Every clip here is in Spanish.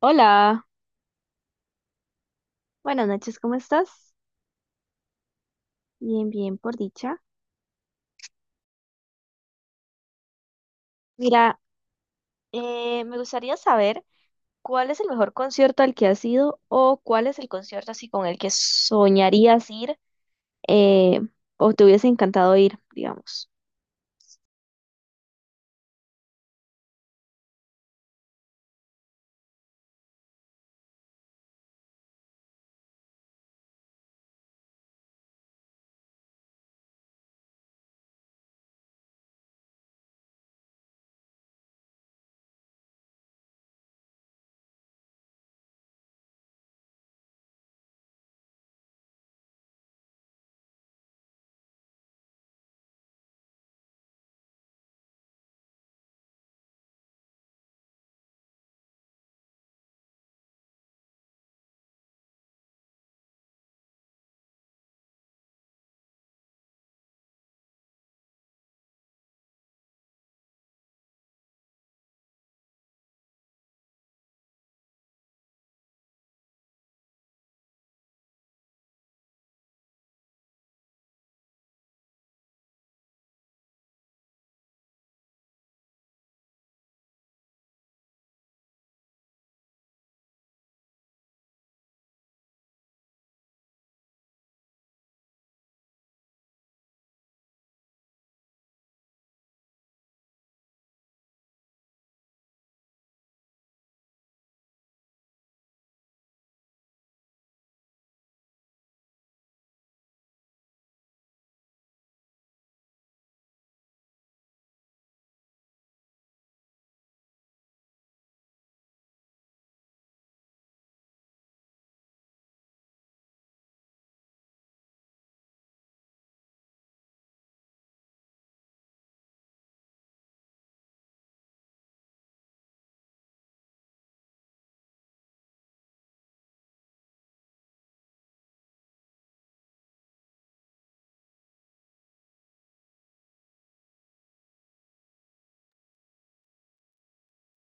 Hola, buenas noches, ¿cómo estás? Bien, bien, por dicha. Mira, me gustaría saber cuál es el mejor concierto al que has ido o cuál es el concierto así con el que soñarías ir eh, o te hubiese encantado ir, digamos.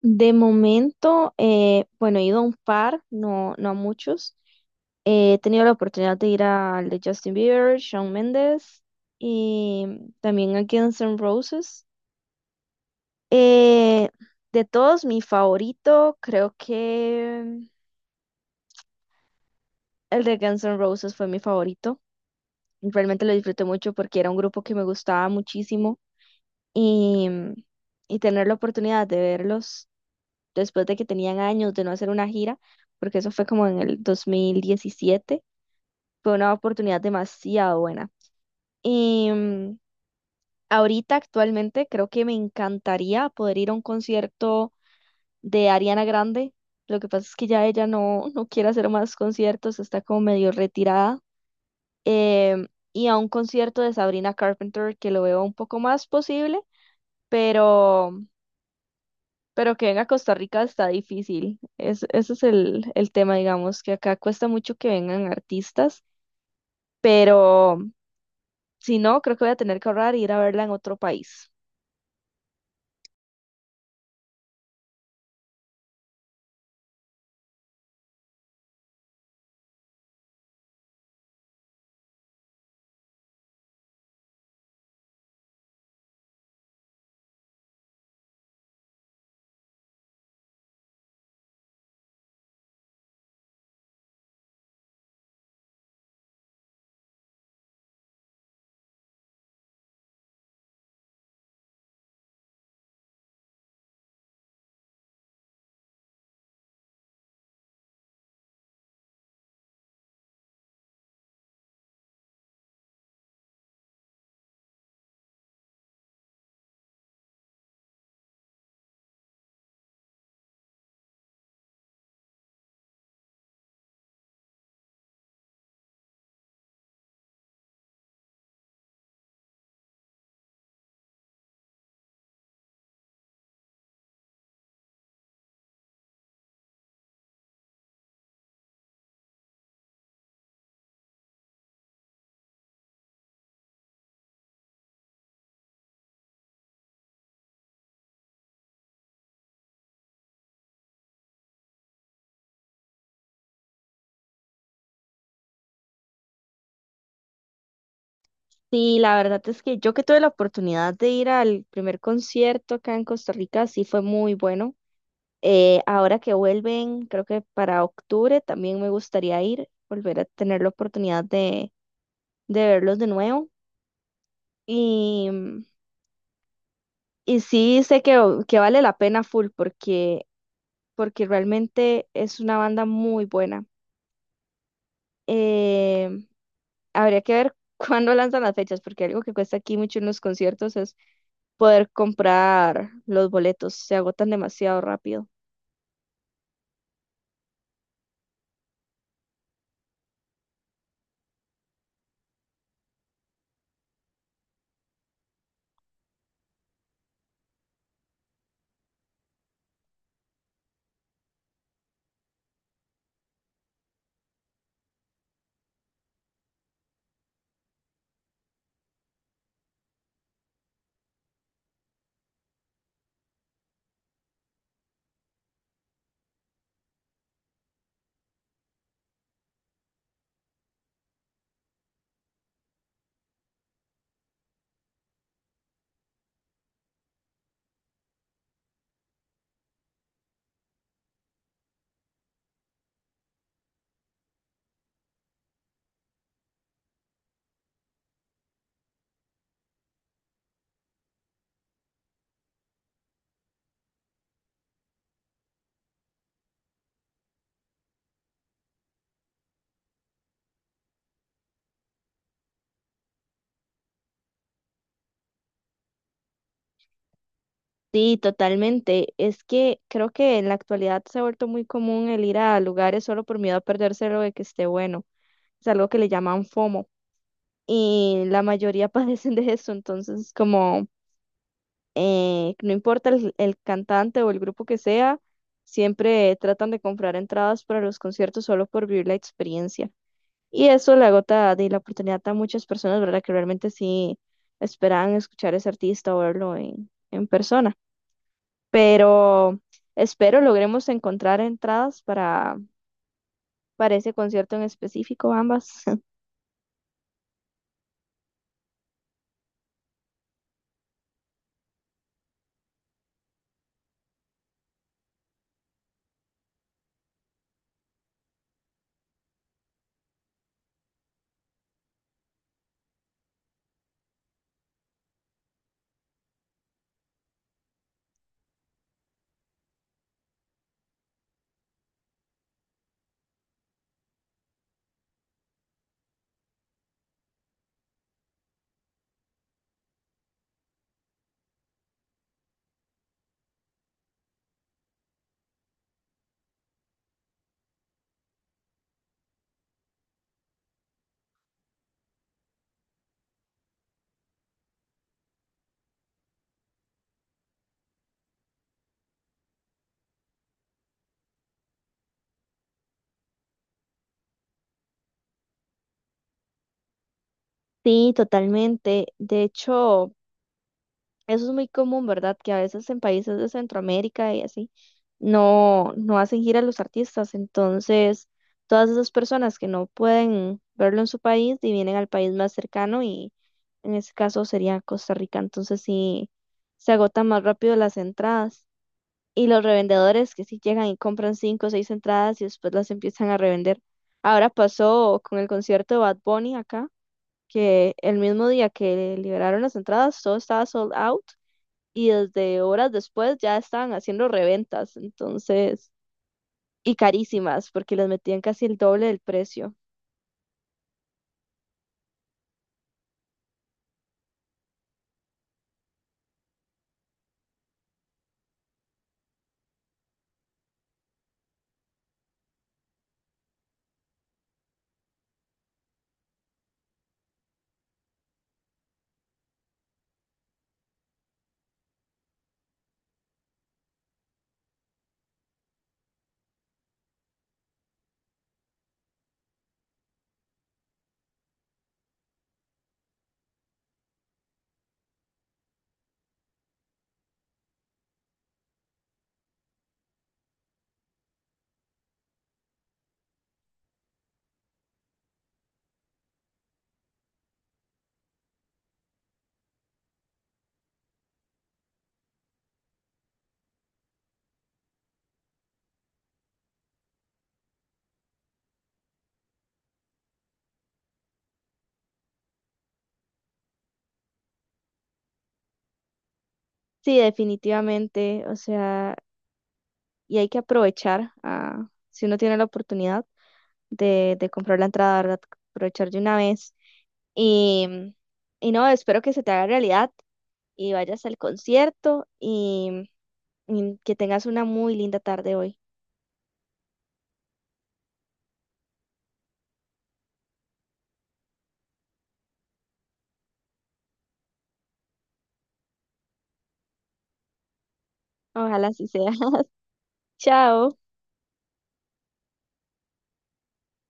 De momento, bueno, he ido a un par, no, no a muchos. He tenido la oportunidad de ir al de Justin Bieber, Shawn Mendes y también a Guns N' Roses. Eh, de todos, mi favorito, creo que el de Guns N' Roses fue mi favorito. Realmente lo disfruté mucho porque era un grupo que me gustaba muchísimo y, tener la oportunidad de verlos después de que tenían años de no hacer una gira, porque eso fue como en el 2017, fue una oportunidad demasiado buena. Y ahorita actualmente creo que me encantaría poder ir a un concierto de Ariana Grande. Lo que pasa es que ya ella no, no quiere hacer más conciertos, está como medio retirada. Em, y a un concierto de Sabrina Carpenter que lo veo un poco más posible, pero, que venga a Costa Rica está difícil. Es, ese es el, tema, digamos, que acá cuesta mucho que vengan artistas, pero si no, creo que voy a tener que ahorrar e ir a verla en otro país. Sí, la verdad es que yo que tuve la oportunidad de ir al primer concierto acá en Costa Rica, sí fue muy bueno. Ahora que vuelven, creo que para octubre también me gustaría ir, volver a tener la oportunidad de, verlos de nuevo. Y, y sí sé que, vale la pena full porque, realmente es una banda muy buena. Eh, habría que ver cuándo lanzan las fechas, porque algo que cuesta aquí mucho en los conciertos es poder comprar los boletos, se agotan demasiado rápido. Sí, totalmente. Es que creo que en la actualidad se ha vuelto muy común el ir a lugares solo por miedo a perderse lo de que esté bueno. Es algo que le llaman FOMO y la mayoría padecen de eso. Entonces, como no importa el, cantante o el grupo que sea, siempre tratan de comprar entradas para los conciertos solo por vivir la experiencia. Y eso le agota de la oportunidad a muchas personas, ¿verdad? Que realmente sí esperaban escuchar a ese artista o verlo en, persona pero espero logremos encontrar entradas para, ese concierto en específico, ambas. Sí, totalmente. De hecho, eso es muy común, ¿verdad? Que a veces en países de Centroamérica y así no, no hacen gira los artistas. Entonces, todas esas personas que no pueden verlo en su país y vienen al país más cercano y en ese caso sería Costa Rica. Entonces, sí, se agotan más rápido las entradas. Y los revendedores que sí llegan y compran 5 o 6 entradas y después las empiezan a revender. Ahora pasó con el concierto de Bad Bunny acá, que el mismo día que liberaron las entradas, todo estaba sold out y desde horas después ya estaban haciendo reventas, entonces, y carísimas, porque les metían casi el doble del precio. Sí, definitivamente, o sea, y hay que aprovechar, ah, si uno tiene la oportunidad de, comprar la entrada, ¿verdad? Aprovechar de una vez. Y, y no, espero que se te haga realidad y vayas al concierto y, que tengas una muy linda tarde hoy. Ojalá así sea. Chao.